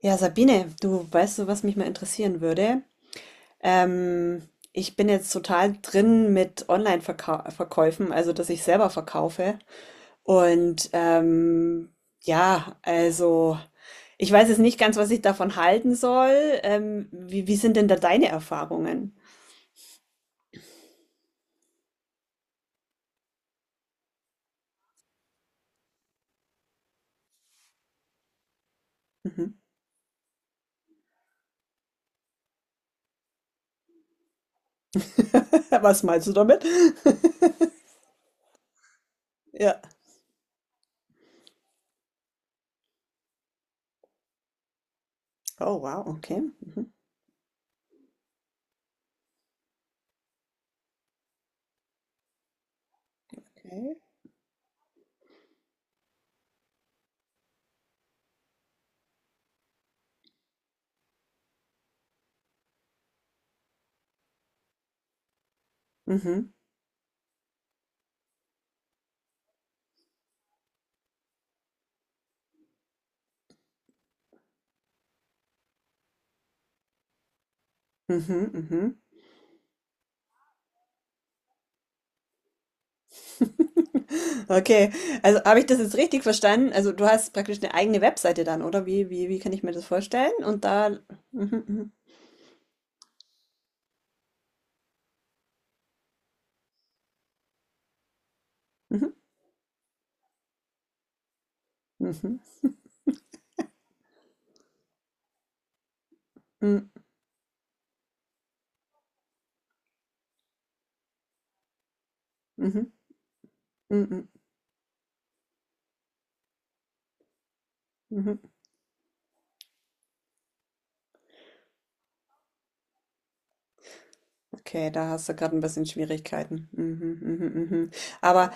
Ja, Sabine, du weißt du, was mich mal interessieren würde? Ähm, Ich bin jetzt total drin mit Online-Verkäufen, also dass ich selber verkaufe. Und ja, also ich weiß jetzt nicht ganz, was ich davon halten soll. Wie sind denn da deine Erfahrungen? Mhm. Was meinst du damit? Ja. Oh, wow, okay. Mhm. Okay. Mhm, mhm, mhm. Okay, also habe ich das jetzt richtig verstanden? Also du hast praktisch eine eigene Webseite dann, oder? Wie kann ich mir das vorstellen? Und da... Mhm, mhm, mhm, mhm, mhm, mhm, mhm, mhm, mhm. Okay, da hast du gerade ein bisschen Schwierigkeiten. Mhm, mhm, mhm, mhm. Aber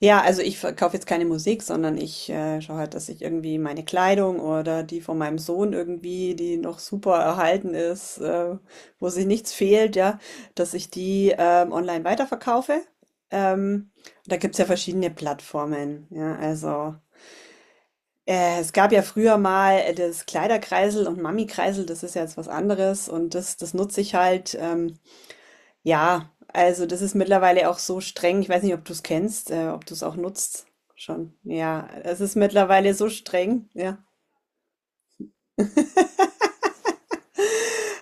ja, also ich verkaufe jetzt keine Musik, sondern ich schaue halt, dass ich irgendwie meine Kleidung oder die von meinem Sohn irgendwie, die noch super erhalten ist, wo sich nichts fehlt, ja, dass ich die online weiterverkaufe. Ähm, Da gibt's ja verschiedene Plattformen, ja, also es gab ja früher mal das Kleiderkreisel und Mami-Kreisel, das ist ja jetzt was anderes und das nutze ich halt. Ja, also das ist mittlerweile auch so streng. Ich weiß nicht, ob du es kennst, ob du es auch nutzt schon. Ja, es ist mittlerweile so streng. Ja,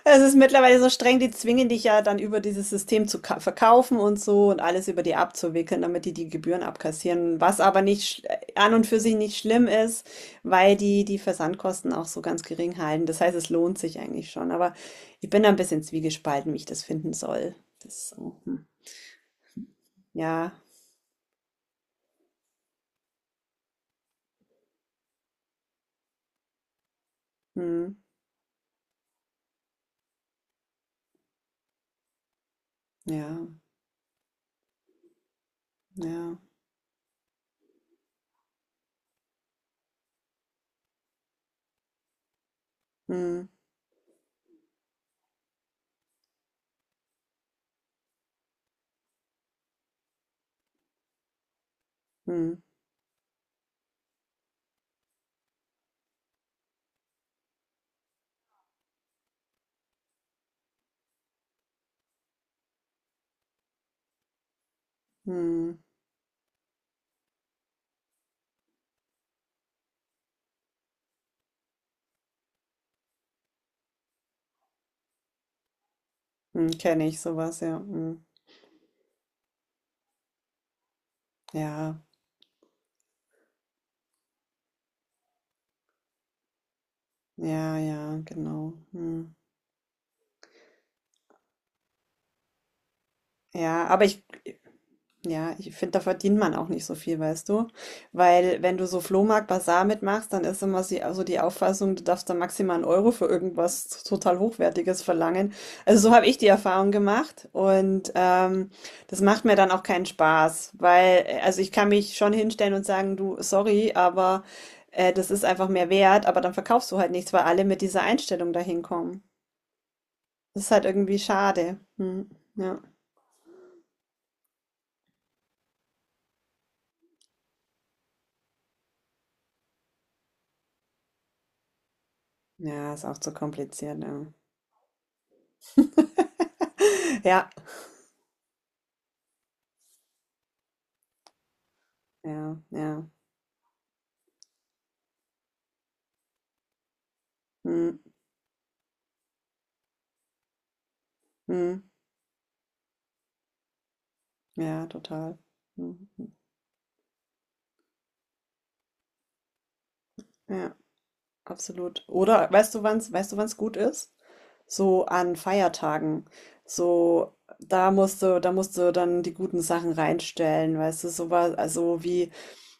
es ist mittlerweile so streng. Die zwingen dich ja dann über dieses System zu verkaufen und so und alles über die abzuwickeln, damit die die Gebühren abkassieren. Was aber nicht sch- an und für sich nicht schlimm ist, weil die die Versandkosten auch so ganz gering halten. Das heißt, es lohnt sich eigentlich schon. Aber ich bin da ein bisschen zwiegespalten, wie ich das finden soll. Das ist so, hm. Ja, hm. Ja, ja. Hm, hm, hm, mhm, kenne ich sowas, ja. Mhm. Ja, ja, ja, genau. Mhm. Ja, aber ich. Ja, ich finde, da verdient man auch nicht so viel, weißt du? Weil wenn du so Flohmarkt, Basar mitmachst, dann ist immer also die Auffassung, du darfst da maximal einen Euro für irgendwas total Hochwertiges verlangen. Also so habe ich die Erfahrung gemacht und das macht mir dann auch keinen Spaß, weil, also ich kann mich schon hinstellen und sagen, du, sorry, aber das ist einfach mehr wert, aber dann verkaufst du halt nichts, weil alle mit dieser Einstellung dahin kommen. Das ist halt irgendwie schade. Hm, ja. Ja, ist auch zu kompliziert, ja. Ja, ja, ja. Mhm. Mhm. Ja, total. Mhm. Ja, absolut. Oder weißt du, wann's gut ist? So an Feiertagen. So, da musst du dann die guten Sachen reinstellen, weißt du, sowas, also wie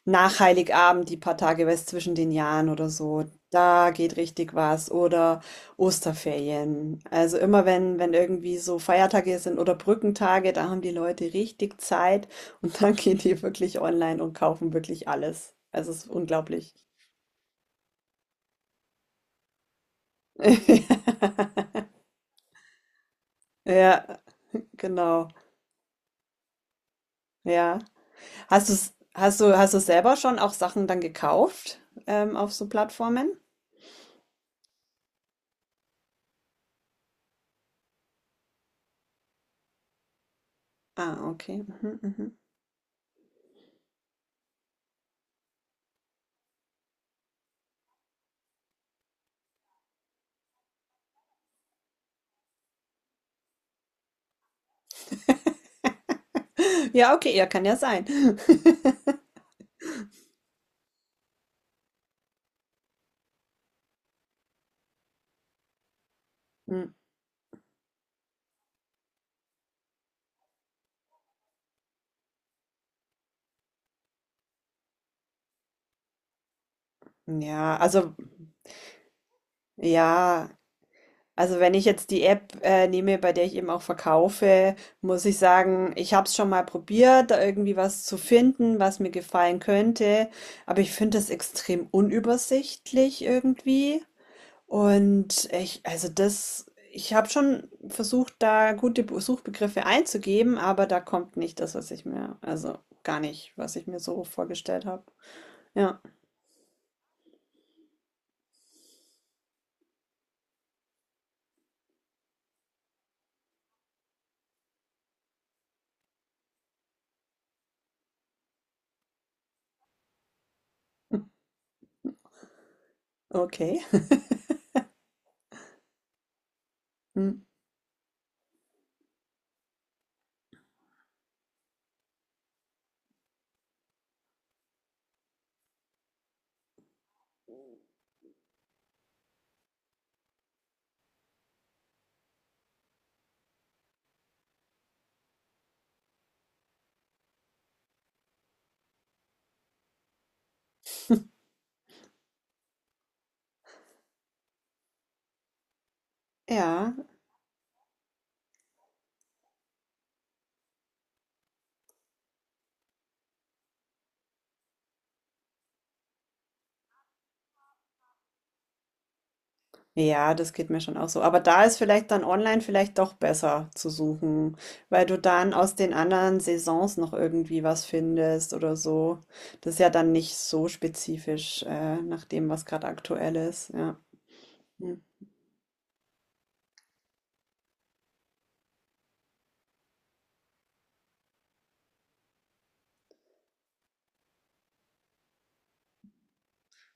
nach Heiligabend, die paar Tage was zwischen den Jahren oder so, da geht richtig was. Oder Osterferien. Also immer wenn irgendwie so Feiertage sind oder Brückentage, da haben die Leute richtig Zeit und dann gehen die wirklich online und kaufen wirklich alles. Also es ist unglaublich. Ja, genau. Ja. Hast du selber schon auch Sachen dann gekauft, auf so Plattformen? Ah, okay. Mhm, mhm. Ja, okay, ja, kann ja sein. Hm, ja, also, ja, also wenn ich jetzt die App nehme, bei der ich eben auch verkaufe, muss ich sagen, ich habe es schon mal probiert, da irgendwie was zu finden, was mir gefallen könnte, aber ich finde es extrem unübersichtlich irgendwie. Und ich habe schon versucht, da gute Suchbegriffe einzugeben, aber da kommt nicht das, was ich mir, also gar nicht, was ich mir so vorgestellt habe. Ja, okay. Hm. Ja. Ja, das geht mir schon auch so. Aber da ist vielleicht dann online vielleicht doch besser zu suchen, weil du dann aus den anderen Saisons noch irgendwie was findest oder so. Das ist ja dann nicht so spezifisch, nach dem, was gerade aktuell ist. Ja. Hm.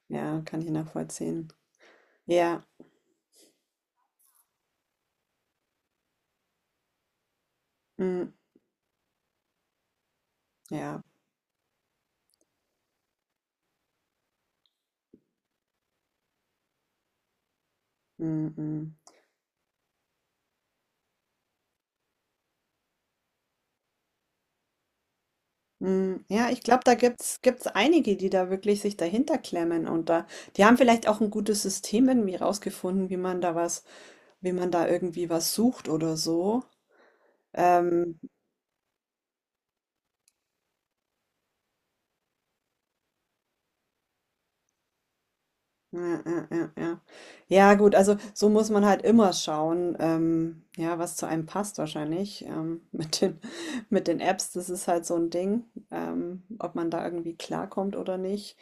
Ja, kann ich nachvollziehen. Ja. Hm. Ja. Hm, hm. Mm, ja, ich glaube, da gibt's einige, die da wirklich sich dahinter klemmen und die haben vielleicht auch ein gutes System irgendwie rausgefunden, wie man da irgendwie was sucht oder so. Ähm, ja, ja, ja, ja. Ja, gut, also so muss man halt immer schauen, ja, was zu einem passt wahrscheinlich. Mit den, mit den Apps, das ist halt so ein Ding, ob man da irgendwie klarkommt oder nicht.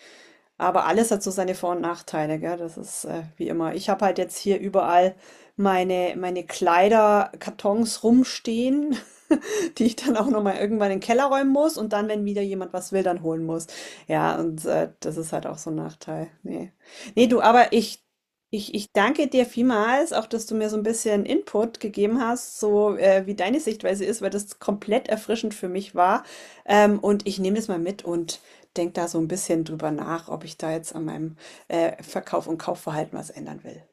Aber alles hat so seine Vor und Nachteile, gell? Das ist wie immer. Ich habe halt jetzt hier überall meine Kleiderkartons rumstehen. Die ich dann auch nochmal irgendwann in den Keller räumen muss und dann, wenn wieder jemand was will, dann holen muss. Ja, und das ist halt auch so ein Nachteil. Nee. Nee, du, aber ich danke dir vielmals, auch dass du mir so ein bisschen Input gegeben hast, so wie deine Sichtweise ist, weil das komplett erfrischend für mich war. Und ich nehme das mal mit und denke da so ein bisschen drüber nach, ob ich da jetzt an meinem Verkauf und Kaufverhalten was ändern will.